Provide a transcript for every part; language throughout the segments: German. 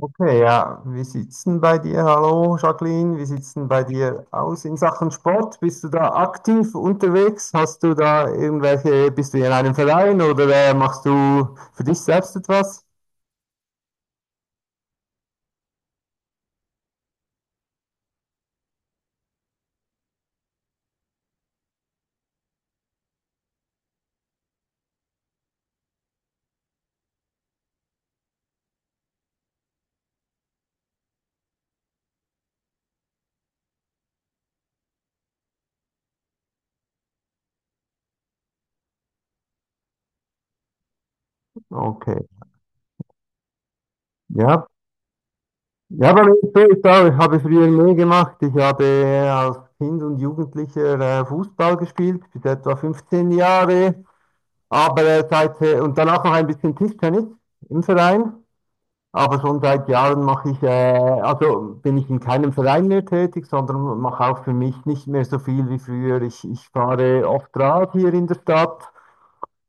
Okay, ja. Wie sieht's denn bei dir? Hallo Jacqueline, wie sieht's denn bei dir aus in Sachen Sport? Bist du da aktiv unterwegs? Hast du da irgendwelche, bist du in einem Verein oder machst du für dich selbst etwas? Okay, ja. Ja, bei mir ist es auch, ich habe früher mehr gemacht. Ich habe als Kind und Jugendlicher Fußball gespielt, bis etwa 15 Jahre. Aber und danach noch ein bisschen Tischtennis im Verein. Aber schon seit Jahren mache also bin ich in keinem Verein mehr tätig, sondern mache auch für mich nicht mehr so viel wie früher. Ich fahre oft Rad hier in der Stadt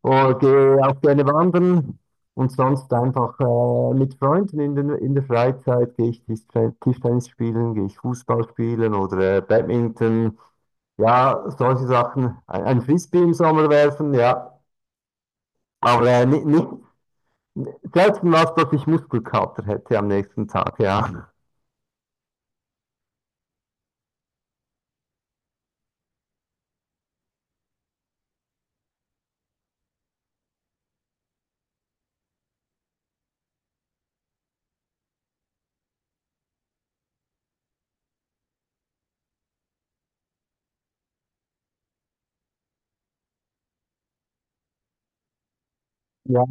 oder gehe auch gerne wandern und sonst einfach mit Freunden in der Freizeit gehe ich Tischtennis spielen, gehe ich Fußball spielen oder Badminton. Ja, solche Sachen. Ein Frisbee im Sommer werfen, ja. Aber nicht selten was, dass ich Muskelkater hätte am nächsten Tag, ja. Ja,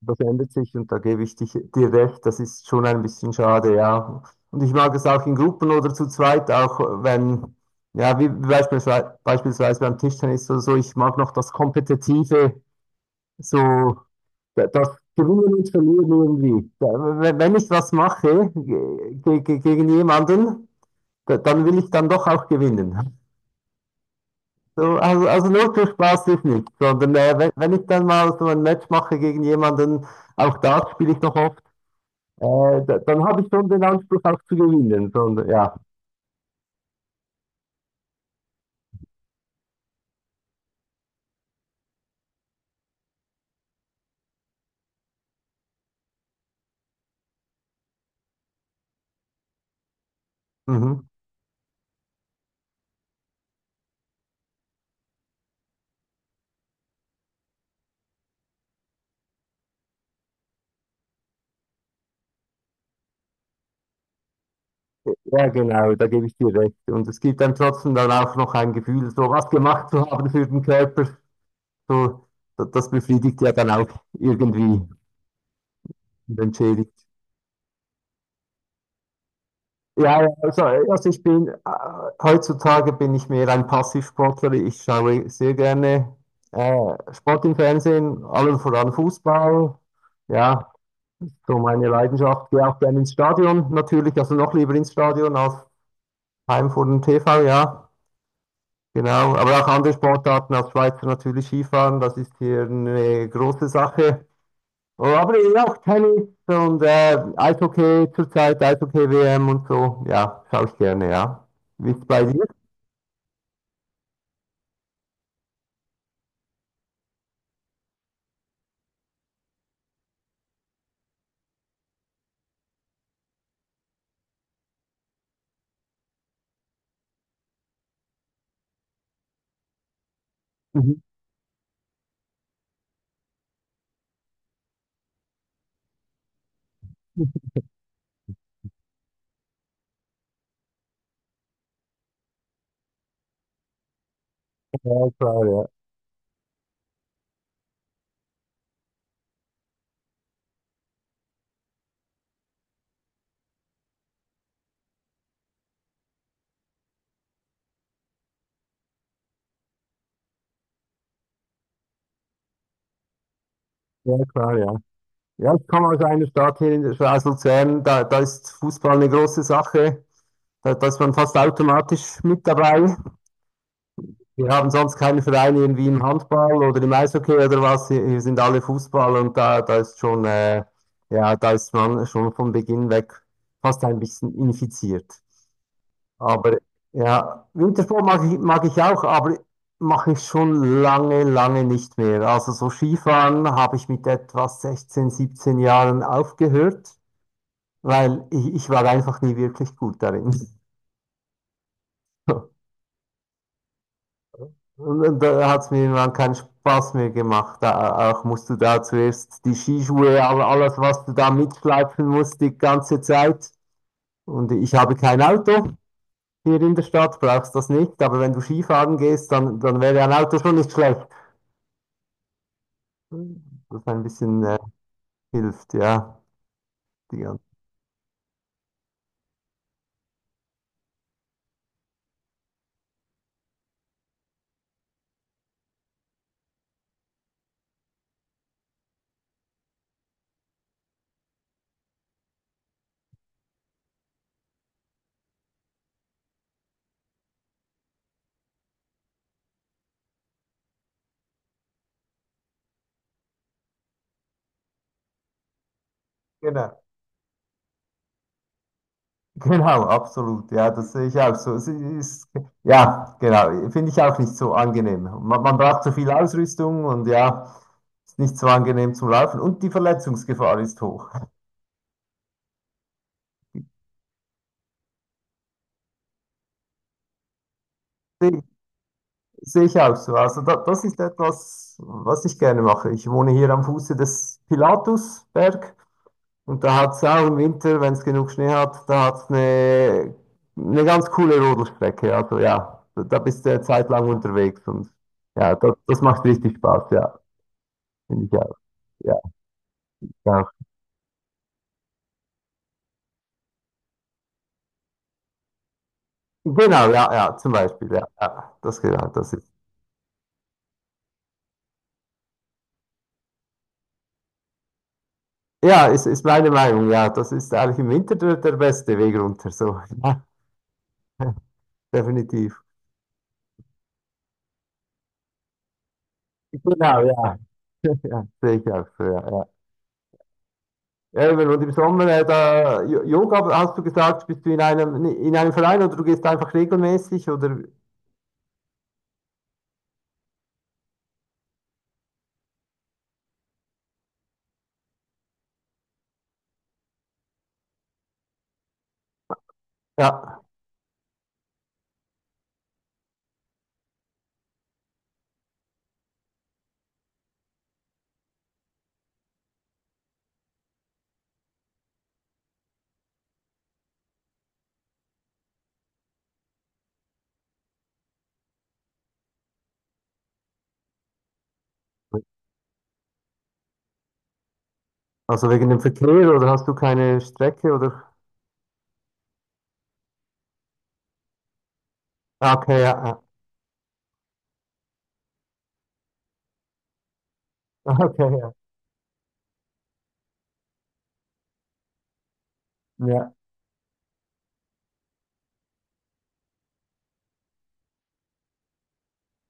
das ändert sich und da gebe ich dir recht, das ist schon ein bisschen schade, ja. Und ich mag es auch in Gruppen oder zu zweit, auch wenn, ja, wie beispielsweise beim Tischtennis oder so, ich mag noch das Kompetitive, so das Gewinnen und Verlieren irgendwie. Da- Wenn ich was mache gegen jemanden, dann will ich dann doch auch gewinnen. Also nur für Spaß ist nicht, sondern wenn ich dann mal so ein Match mache gegen jemanden, auch da spiele ich noch oft. Dann habe ich schon den Anspruch auch zu gewinnen. Sondern ja. Mhm. Ja, genau, da gebe ich dir recht. Und es gibt einem trotzdem dann auch noch ein Gefühl, so was gemacht zu haben für den Körper. So, das befriedigt ja dann auch irgendwie und entschädigt. Also ich heutzutage bin ich mehr ein Passivsportler. Ich schaue sehr gerne äh, Sport im Fernsehen, allen voran Fußball. Ja, so meine Leidenschaft. Gehe auch gerne ins Stadion natürlich, also noch lieber ins Stadion als Heimfurt und TV, ja, genau. Aber auch andere Sportarten als Schweizer natürlich Skifahren, das ist hier eine große Sache. Oh, aber eben auch Tennis und Eishockey zurzeit, Eishockey-WM und so, ja, schaue ich gerne, ja. Wie ist es bei dir? Mhm. Ja, klar, ja. Ja, klar, ja. Ja, ich komme aus einer Stadt hier in der Schweiz, Luzern, da ist Fußball eine große Sache. Da ist man fast automatisch mit dabei. Wir haben sonst keine Vereine irgendwie im Handball oder im Eishockey oder was. Hier sind alle Fußball und ja, da ist man schon von Beginn weg fast ein bisschen infiziert. Aber ja, Wintersport mag ich auch, aber mache ich schon lange nicht mehr. Also so Skifahren habe ich mit etwa 16, 17 Jahren aufgehört, weil ich war einfach nie wirklich gut darin. Und da hat es mir irgendwann keinen Spaß mehr gemacht. Da, auch musst du da zuerst die Skischuhe, alles, was du da mitschleifen musst, die ganze Zeit. Und ich habe kein Auto hier in der Stadt, brauchst das nicht. Aber wenn du Skifahren gehst, dann wäre ein Auto schon nicht schlecht. Das ein bisschen hilft, ja. Die ganze Genau. Genau, absolut. Ja, das sehe ich auch so. Es ist, ja, genau. Finde ich auch nicht so angenehm. Man braucht so viel Ausrüstung und ja, ist nicht so angenehm zum Laufen. Und die Verletzungsgefahr ist hoch. Sehe Sehe ich auch so. Also da, das ist etwas, was ich gerne mache. Ich wohne hier am Fuße des Pilatusberg und da hat es auch im Winter, wenn es genug Schnee hat, da hat es eine ganz coole Rodelstrecke. Also ja, da bist du eine Zeit lang unterwegs und ja, das macht richtig Spaß, ja. Finde ich ja, ja, ja. Genau, ja, ja, zum Beispiel, ja, ja, das genau, das ist. Ja, ist meine Meinung, ja, das ist eigentlich im Winter der beste Weg runter, so, ja, definitiv. Genau, ja, ja, sehe ich auch so, ja, ja. Ja, eben, und im Sommer, Yoga, hast du gesagt, bist du in in einem Verein oder du gehst einfach regelmäßig oder, ja, also wegen dem Verkehr oder hast du keine Strecke oder, Ah, okay, ja, ja. Okay, ja, ja.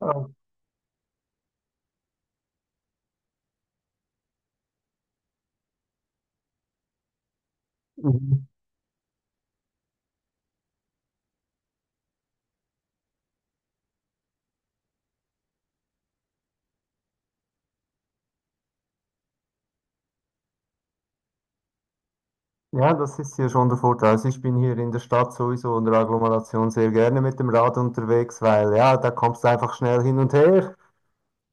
Oh, mhm. Ja, das ist hier schon der Vorteil. Also ich bin hier in der Stadt sowieso in der Agglomeration sehr gerne mit dem Rad unterwegs, weil ja, da kommst du einfach schnell hin und her.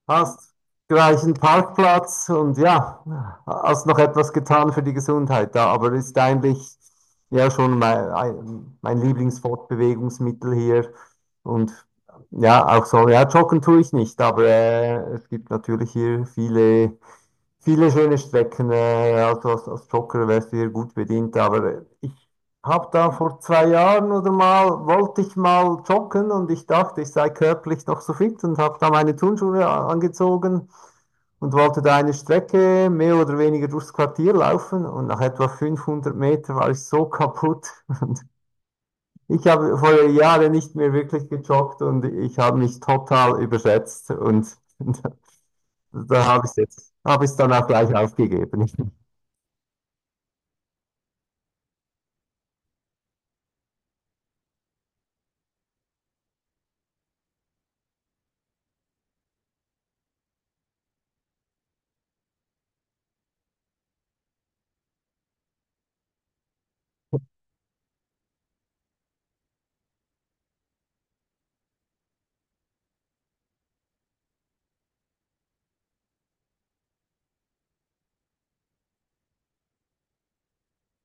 Hast gleichen Parkplatz und ja, hast noch etwas getan für die Gesundheit da, aber ist eigentlich ja schon mein Lieblingsfortbewegungsmittel hier. Und ja, auch so, ja, joggen tue ich nicht, aber es gibt natürlich hier viele schöne Strecken. Als Jogger wärst du hier gut bedient, aber ich hab da vor zwei Jahren oder mal, wollte ich mal joggen und ich dachte, ich sei körperlich noch so fit und habe da meine Turnschuhe angezogen und wollte da eine Strecke mehr oder weniger durchs Quartier laufen und nach etwa 500 Metern war ich so kaputt. Ich habe vor Jahren nicht mehr wirklich gejoggt und ich habe mich total überschätzt und da habe ich es jetzt, habe ich es dann auch gleich aufgegeben.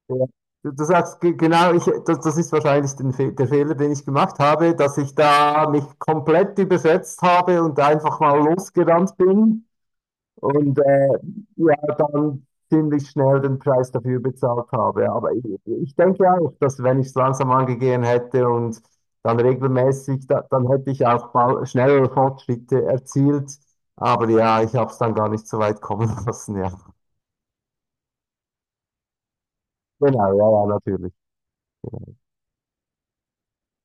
Ja. Du sagst genau, das, das ist wahrscheinlich den Fe der Fehler, den ich gemacht habe, dass ich da mich komplett überschätzt habe und einfach mal losgerannt bin und ja, dann ziemlich schnell den Preis dafür bezahlt habe. Aber ich denke auch, dass wenn ich es langsam angegangen hätte und dann regelmäßig, dann hätte ich auch mal schnellere Fortschritte erzielt. Aber ja, ich habe es dann gar nicht so weit kommen lassen. Ja, genau, ja, ja, natürlich.